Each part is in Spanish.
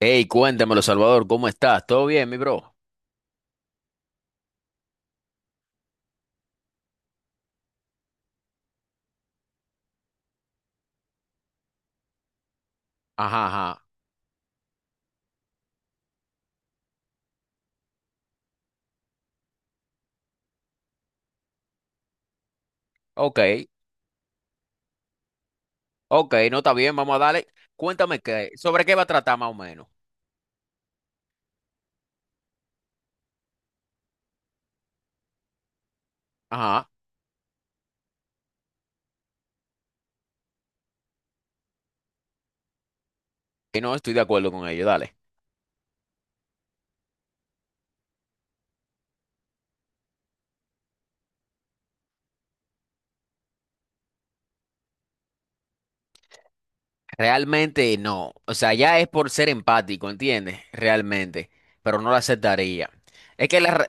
Hey, cuéntemelo, Salvador, ¿cómo estás? ¿Todo bien, mi bro? Ajá, ajá. Ok, ok, no está bien, vamos a darle. Cuéntame qué, sobre qué va a tratar más o menos. Ajá, que no estoy de acuerdo con ello, dale. Realmente no. O sea, ya es por ser empático, ¿entiendes? Realmente. Pero no lo aceptaría. Es que la re-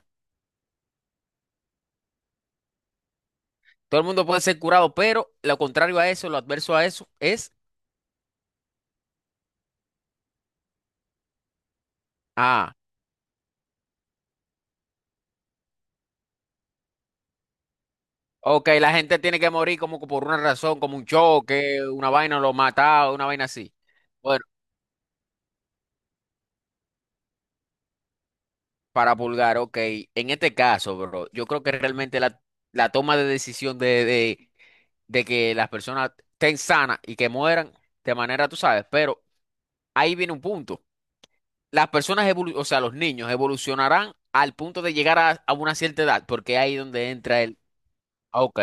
Todo el mundo puede ser curado, pero lo contrario a eso, lo adverso a eso, es. Ah, ok, la gente tiene que morir como que por una razón, como un choque, una vaina lo mata, una vaina así. Bueno, para Pulgar, ok. En este caso, bro, yo creo que realmente la toma de decisión de que las personas estén sanas y que mueran de manera, tú sabes, pero ahí viene un punto. Las o sea, los niños evolucionarán al punto de a una cierta edad, porque ahí es donde ah, ok,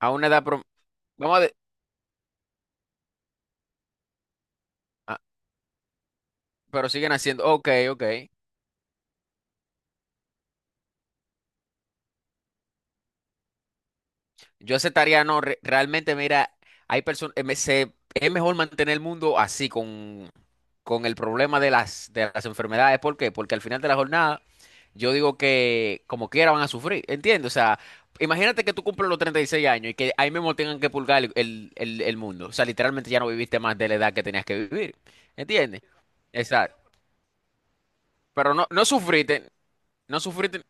a una edad, prom- vamos a, de- ah, pero siguen haciendo, ok, ok. Yo aceptaría, no, re- realmente, mira, hay personas, es mejor mantener el mundo así, con el problema de las enfermedades. ¿Por qué? Porque al final de la jornada, yo digo que como quiera van a sufrir, ¿entiendes? O sea, imagínate que tú cumples los 36 años y que ahí mismo tengan que pulgar el mundo. O sea, literalmente ya no viviste más de la edad que tenías que vivir, ¿entiendes? Exacto. Pero no, no sufriste, no sufriste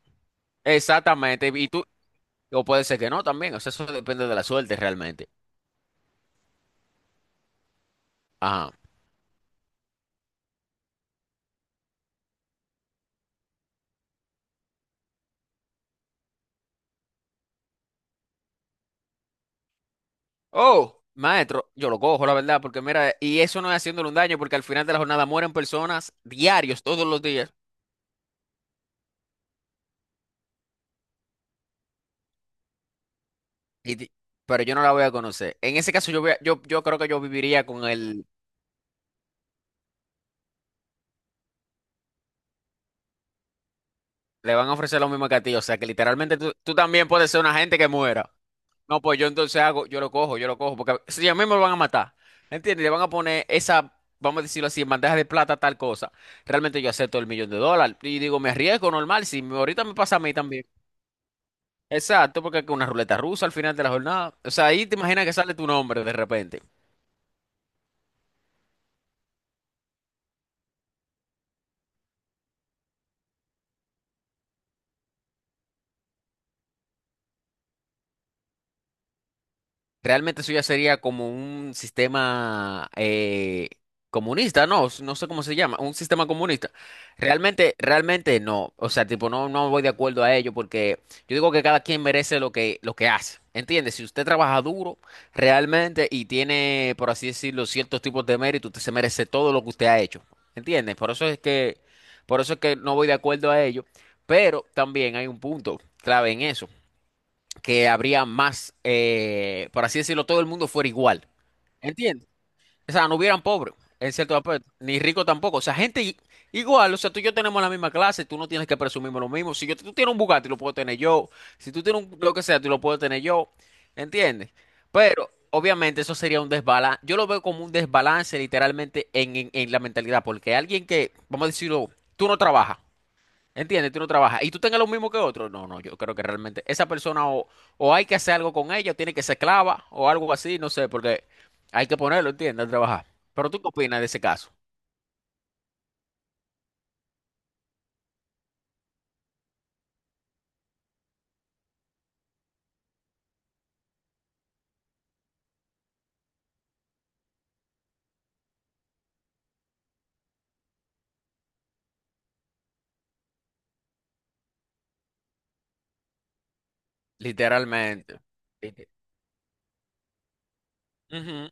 exactamente. Y tú, o puede ser que no también, o sea, eso depende de la suerte realmente. Ajá. Oh, maestro, yo lo cojo, la verdad, porque mira, y eso no es haciéndole un daño, porque al final de la jornada mueren personas diarios, todos los días, y di- pero yo no la voy a conocer. En ese caso, yo creo que yo viviría con el, le van a ofrecer lo mismo que a ti, o sea, que literalmente tú también puedes ser una gente que muera. No, pues yo entonces hago, yo lo cojo, porque si a mí me lo van a matar, ¿entiendes? Le van a poner esa, vamos a decirlo así, en bandeja de plata, tal cosa. Realmente yo acepto el $1 millón y digo, me arriesgo normal, si me- ahorita me pasa a mí también. Exacto, porque es una ruleta rusa al final de la jornada. O sea, ahí te imaginas que sale tu nombre de repente. Realmente eso ya sería como un sistema comunista, no sé cómo se llama, un sistema comunista. Realmente no, o sea, tipo, no, no voy de acuerdo a ello porque yo digo que cada quien merece lo que hace, ¿entiendes? Si usted trabaja duro realmente y tiene, por así decirlo, ciertos tipos de mérito, usted se merece todo lo que usted ha hecho, ¿entiendes? Por eso es que no voy de acuerdo a ello, pero también hay un punto clave en eso que habría más, por así decirlo, todo el mundo fuera igual. ¿Entiendes? O sea, no hubieran pobres, en cierto aspecto, ni rico tampoco. O sea, igual, o sea, tú y yo tenemos la misma clase, tú no tienes que presumirme lo mismo. Si yo, tú tienes un Bugatti, lo puedo tener yo. Si tú tienes un, lo que sea, tú lo puedo tener yo. ¿Entiendes? Pero, obviamente, eso sería un desbalance. Yo lo veo como un desbalance literalmente en la mentalidad, porque alguien que, vamos a decirlo, tú no trabajas. Entiendes, tú no trabajas. Y tú tengas lo mismo que otro. No, no, yo creo que realmente esa persona o hay que hacer algo con ella, o tiene que ser esclava, o algo así, no sé, porque hay que ponerlo, ¿entiendes? A trabajar. Pero tú qué opinas de ese caso, literalmente. Lite- Ujú,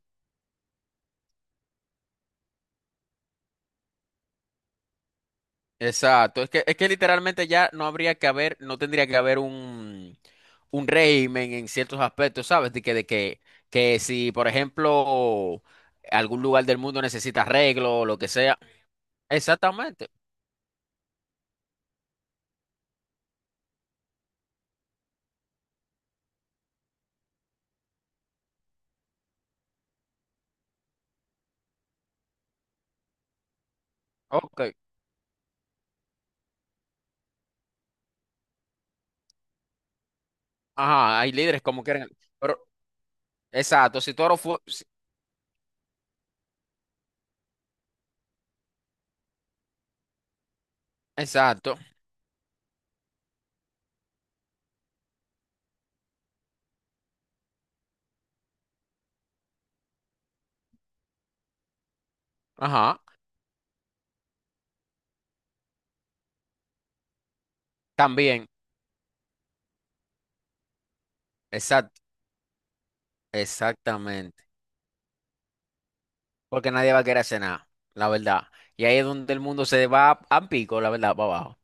exacto. Es que literalmente ya no habría que haber, no tendría que haber un régimen en ciertos aspectos, ¿sabes? Que si, por ejemplo, algún lugar del mundo necesita arreglo o lo que sea. Exactamente. Ok. Ajá, hay líderes como quieren. Pero, exacto, si Toro fue. Si- exacto. Ajá. También. Exacto. Exactamente. Porque nadie va a querer hacer nada, la verdad. Y ahí es donde el mundo se va a pico, la verdad, para abajo.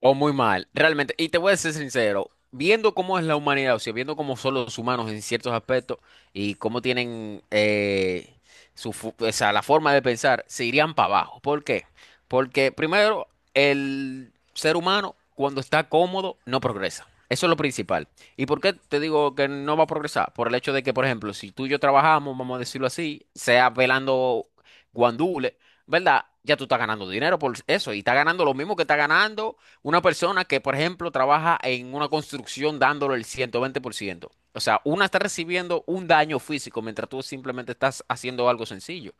O muy mal, realmente. Y te voy a ser sincero, viendo cómo es la humanidad, o sea, viendo cómo son los humanos en ciertos aspectos y cómo tienen o sea, la forma de pensar, se irían para abajo. ¿Por qué? Porque primero, el ser humano, cuando está cómodo, no progresa. Eso es lo principal. ¿Y por qué te digo que no va a progresar? Por el hecho de que, por ejemplo, si tú y yo trabajamos, vamos a decirlo así, sea velando guandule, ¿verdad? Ya tú estás ganando dinero por eso y estás ganando lo mismo que estás ganando una persona que, por ejemplo, trabaja en una construcción dándole el 120%. O sea, una está recibiendo un daño físico mientras tú simplemente estás haciendo algo sencillo.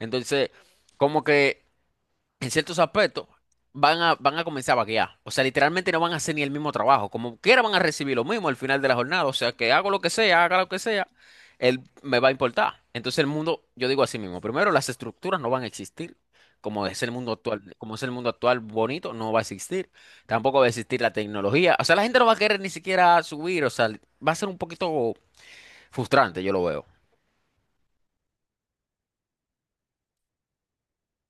Entonces, como que en ciertos aspectos, van a comenzar a vaguear. O sea, literalmente no van a hacer ni el mismo trabajo. Como quiera van a recibir lo mismo al final de la jornada. O sea, que hago lo que sea, haga lo que sea, él me va a importar. Entonces el mundo, yo digo así mismo, primero las estructuras no van a existir. Como es el mundo actual, como es el mundo actual bonito, no va a existir. Tampoco va a existir la tecnología. O sea, la gente no va a querer ni siquiera subir. O sea, va a ser un poquito frustrante, yo lo veo.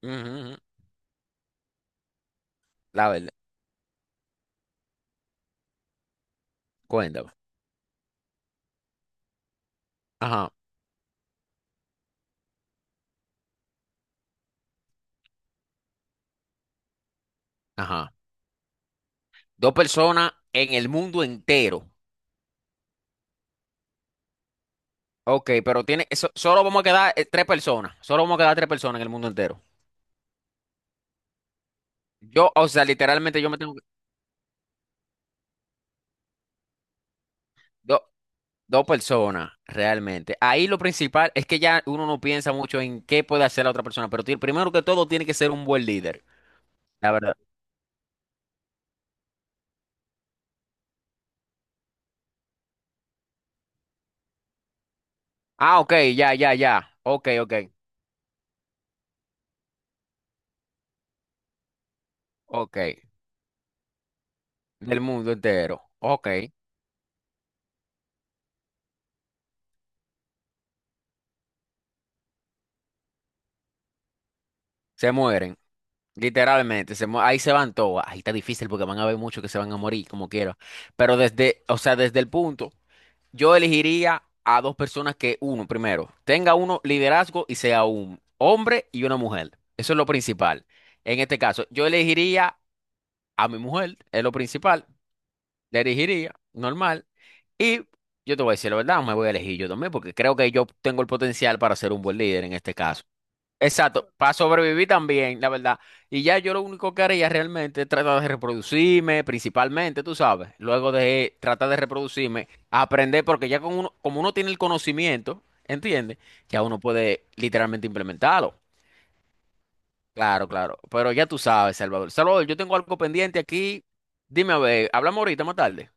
Ujú, ujú. La verdad. Cuéntame. Ajá, ajá. Dos personas en el mundo entero. Ok, pero tiene, solo vamos a quedar tres personas. Solo vamos a quedar tres personas en el mundo entero. O sea, literalmente yo me tengo que- do- dos personas, realmente. Ahí lo principal es que ya uno no piensa mucho en qué puede hacer la otra persona, pero primero que todo tiene que ser un buen líder, la verdad. Ah, ok, ya, ya, ya. Ok, ok, ok. Del mundo entero. Ok. Se mueren. Literalmente, ahí se van todas. Ahí está difícil porque van a haber muchos que se van a morir, como quiera. Pero desde, o sea, desde el punto. Yo elegiría a dos personas que, uno, primero, tenga uno liderazgo y sea un hombre y una mujer. Eso es lo principal. En este caso, yo elegiría a mi mujer, es lo principal. La elegiría, normal. Y yo te voy a decir la verdad, me voy a elegir yo también, porque creo que yo tengo el potencial para ser un buen líder en este caso. Exacto, para sobrevivir también, la verdad. Y ya yo lo único que haría realmente es tratar de reproducirme, principalmente, tú sabes, luego de tratar de reproducirme, aprender, porque ya con uno, como uno tiene el conocimiento, ¿entiendes? Ya uno puede literalmente implementarlo. Claro, claro. Pero ya tú sabes, Salvador. Salvador, yo tengo algo pendiente aquí. Dime a ver, hablamos ahorita más tarde.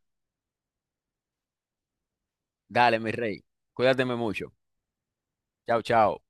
Dale, mi rey. Cuídate mucho. Chao, chao.